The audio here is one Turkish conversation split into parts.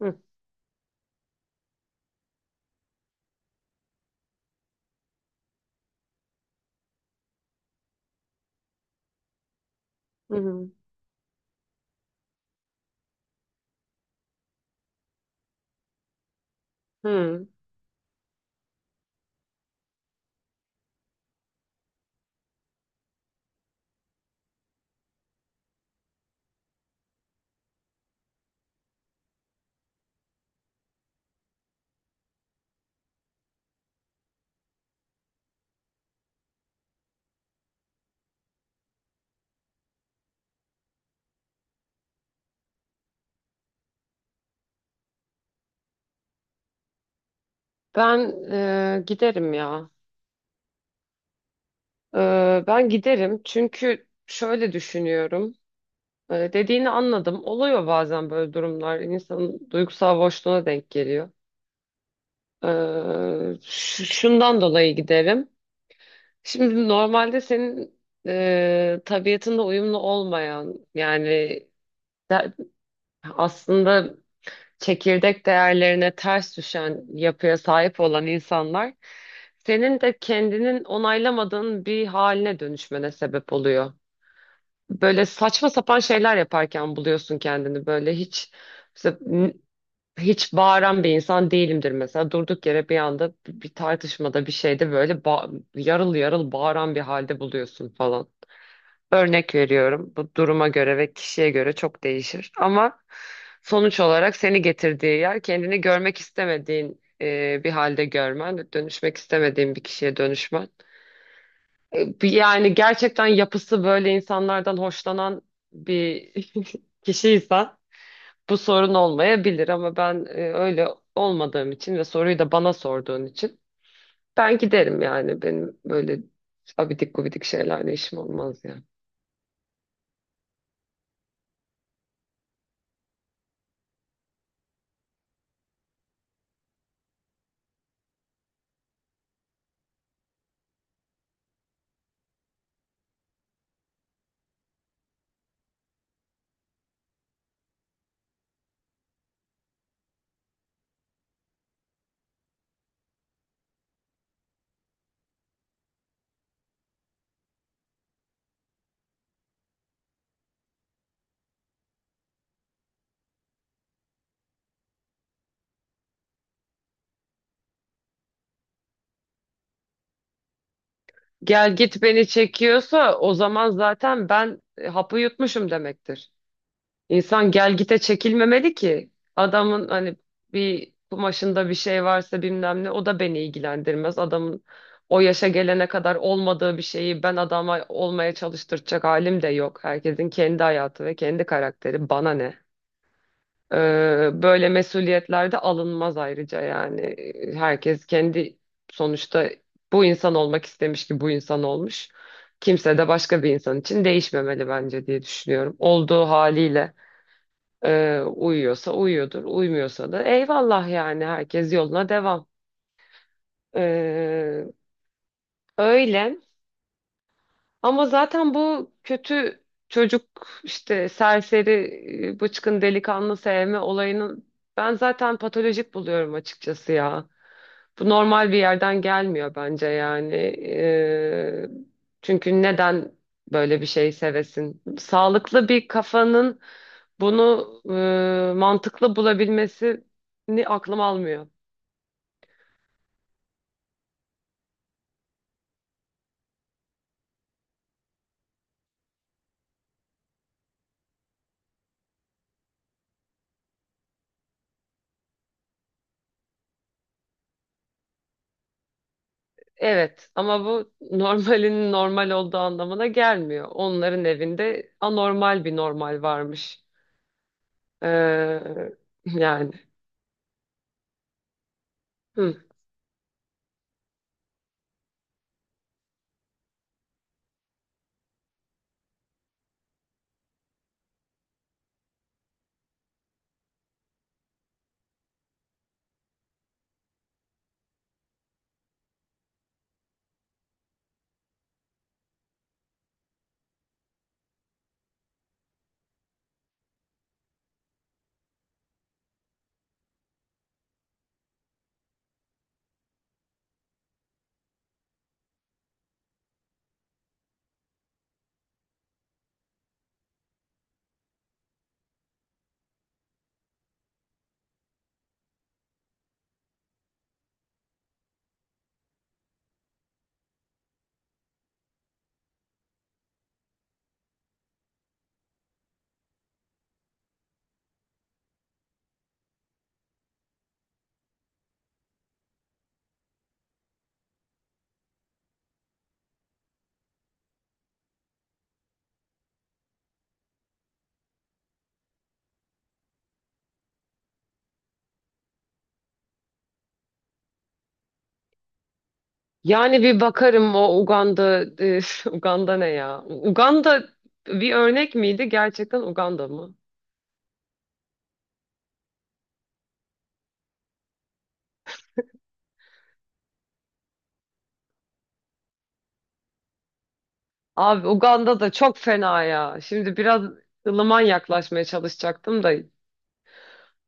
Hı, hı, hı. Hı. Ben giderim ya. Ben giderim çünkü şöyle düşünüyorum. Dediğini anladım. Oluyor bazen böyle durumlar. İnsanın duygusal boşluğuna denk geliyor. E, şundan dolayı giderim. Şimdi normalde senin tabiatınla uyumlu olmayan yani de- aslında çekirdek değerlerine ters düşen yapıya sahip olan insanlar senin de kendinin onaylamadığın bir haline dönüşmene sebep oluyor. Böyle saçma sapan şeyler yaparken buluyorsun kendini böyle hiç mesela hiç bağıran bir insan değilimdir mesela durduk yere bir anda bir tartışmada bir şeyde böyle yarıl yarıl bağıran bir halde buluyorsun falan. Örnek veriyorum. Bu duruma göre ve kişiye göre çok değişir. Ama sonuç olarak seni getirdiği yer kendini görmek istemediğin bir halde görmen, dönüşmek istemediğin bir kişiye dönüşmen. Yani gerçekten yapısı böyle insanlardan hoşlanan bir kişiysen bu sorun olmayabilir ama ben öyle olmadığım için ve soruyu da bana sorduğun için ben giderim yani. Benim böyle abidik gubidik şeylerle işim olmaz yani. Gel git beni çekiyorsa o zaman zaten ben hapı yutmuşum demektir. İnsan gel gite çekilmemeli ki. Adamın hani bir kumaşında bir şey varsa bilmem ne o da beni ilgilendirmez. Adamın o yaşa gelene kadar olmadığı bir şeyi ben adama olmaya çalıştıracak halim de yok. Herkesin kendi hayatı ve kendi karakteri. Bana ne? Böyle mesuliyetler de alınmaz ayrıca yani. Herkes kendi sonuçta bu insan olmak istemiş ki bu insan olmuş. Kimse de başka bir insan için değişmemeli bence diye düşünüyorum. Olduğu haliyle uyuyorsa uyuyordur, uymuyorsa da eyvallah yani herkes yoluna devam. Ee, öyle ama zaten bu kötü çocuk işte serseri bıçkın delikanlı sevme olayını ben zaten patolojik buluyorum açıkçası ya. Bu normal bir yerden gelmiyor bence yani. Ee, çünkü neden böyle bir şey sevesin? Sağlıklı bir kafanın bunu mantıklı bulabilmesini aklım almıyor. Evet ama bu normalin normal olduğu anlamına gelmiyor. Onların evinde anormal bir normal varmış. Ee, yani. Hı. Yani bir bakarım o Uganda, Uganda ne ya? Uganda bir örnek miydi? Gerçekten Uganda mı? Abi Uganda da çok fena ya. Şimdi biraz ılıman yaklaşmaya çalışacaktım da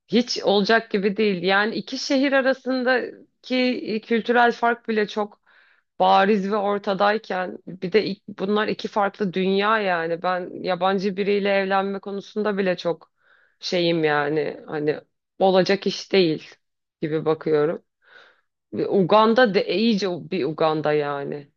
hiç olacak gibi değil. Yani iki şehir arasındaki kültürel fark bile çok bariz ve ortadayken bir de bunlar iki farklı dünya yani ben yabancı biriyle evlenme konusunda bile çok şeyim yani hani olacak iş değil gibi bakıyorum. Ve Uganda de iyice bir Uganda yani.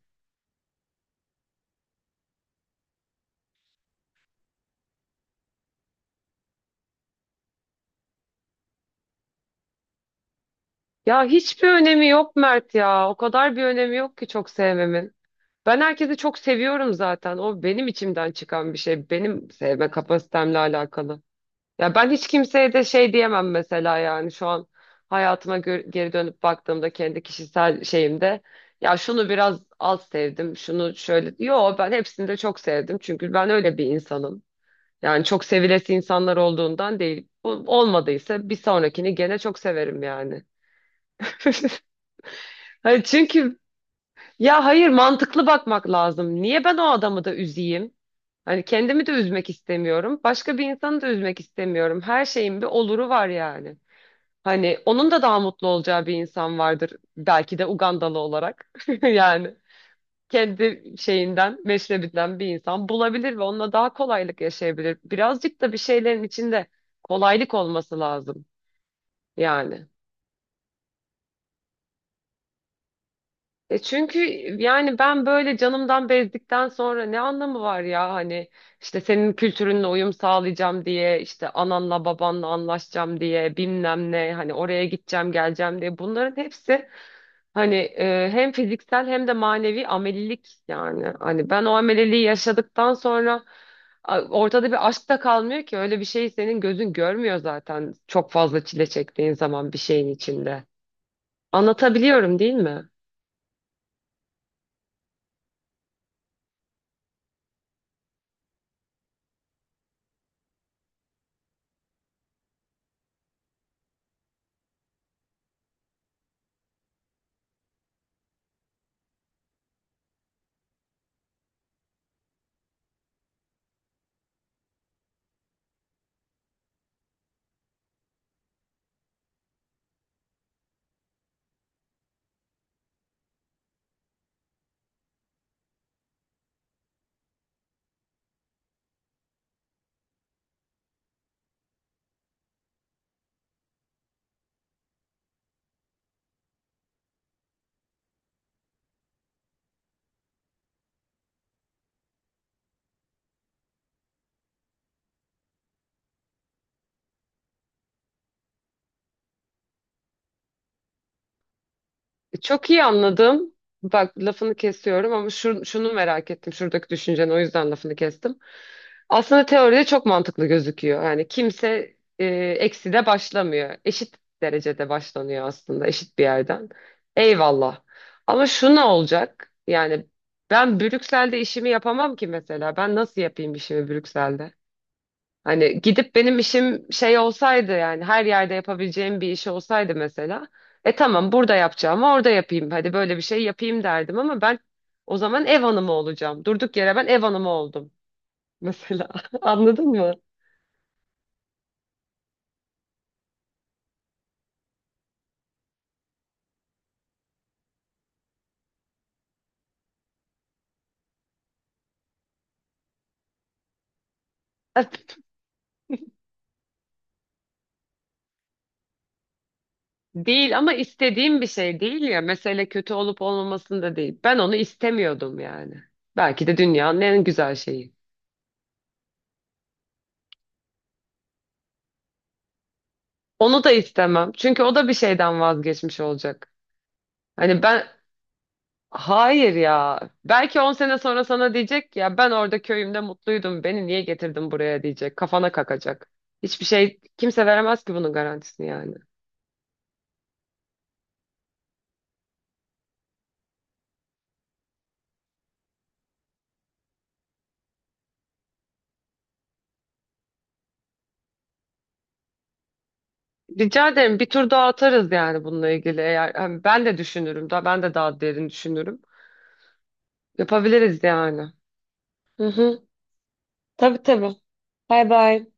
Ya hiçbir önemi yok Mert ya. O kadar bir önemi yok ki çok sevmemin. Ben herkesi çok seviyorum zaten. O benim içimden çıkan bir şey. Benim sevme kapasitemle alakalı. Ya ben hiç kimseye de şey diyemem mesela yani şu an hayatıma geri dönüp baktığımda kendi kişisel şeyimde ya şunu biraz az sevdim, şunu şöyle. Yo ben hepsini de çok sevdim çünkü ben öyle bir insanım. Yani çok sevilesi insanlar olduğundan değil. Bu olmadıysa bir sonrakini gene çok severim yani. Hani çünkü ya hayır mantıklı bakmak lazım. Niye ben o adamı da üzeyim? Hani kendimi de üzmek istemiyorum. Başka bir insanı da üzmek istemiyorum. Her şeyin bir oluru var yani. Hani onun da daha mutlu olacağı bir insan vardır. Belki de Ugandalı olarak. Yani kendi şeyinden, meşrebinden bir insan bulabilir ve onunla daha kolaylık yaşayabilir. Birazcık da bir şeylerin içinde kolaylık olması lazım yani. Çünkü yani ben böyle canımdan bezdikten sonra ne anlamı var ya hani işte senin kültürünle uyum sağlayacağım diye işte ananla babanla anlaşacağım diye bilmem ne hani oraya gideceğim geleceğim diye bunların hepsi hani hem fiziksel hem de manevi amelilik yani hani ben o ameliliği yaşadıktan sonra ortada bir aşk da kalmıyor ki öyle bir şeyi senin gözün görmüyor zaten çok fazla çile çektiğin zaman bir şeyin içinde anlatabiliyorum değil mi? Çok iyi anladım. Bak lafını kesiyorum ama şu, şunu merak ettim. Şuradaki düşünceni o yüzden lafını kestim. Aslında teoride çok mantıklı gözüküyor. Yani kimse eksi de başlamıyor. Eşit derecede başlanıyor aslında eşit bir yerden. Eyvallah. Ama şu ne olacak? Yani ben Brüksel'de işimi yapamam ki mesela. Ben nasıl yapayım işimi Brüksel'de? Hani gidip benim işim şey olsaydı yani her yerde yapabileceğim bir iş olsaydı mesela. Tamam burada yapacağım orada yapayım. Hadi böyle bir şey yapayım derdim ama ben o zaman ev hanımı olacağım. Durduk yere ben ev hanımı oldum mesela. Anladın mı? Değil ama istediğim bir şey değil ya. Mesele kötü olup olmamasında değil. Ben onu istemiyordum yani. Belki de dünyanın en güzel şeyi. Onu da istemem. Çünkü o da bir şeyden vazgeçmiş olacak. Hani ben. Hayır ya. Belki 10 sene sonra sana diyecek ki, ya ben orada köyümde mutluydum. Beni niye getirdin buraya diyecek. Kafana kakacak. Hiçbir şey kimse veremez ki bunun garantisini yani. Rica ederim bir tur daha atarız yani bununla ilgili. Eğer hani ben de düşünürüm daha ben de daha derin düşünürüm. Yapabiliriz yani. Hı hı. Tabii tabii. Bay bay.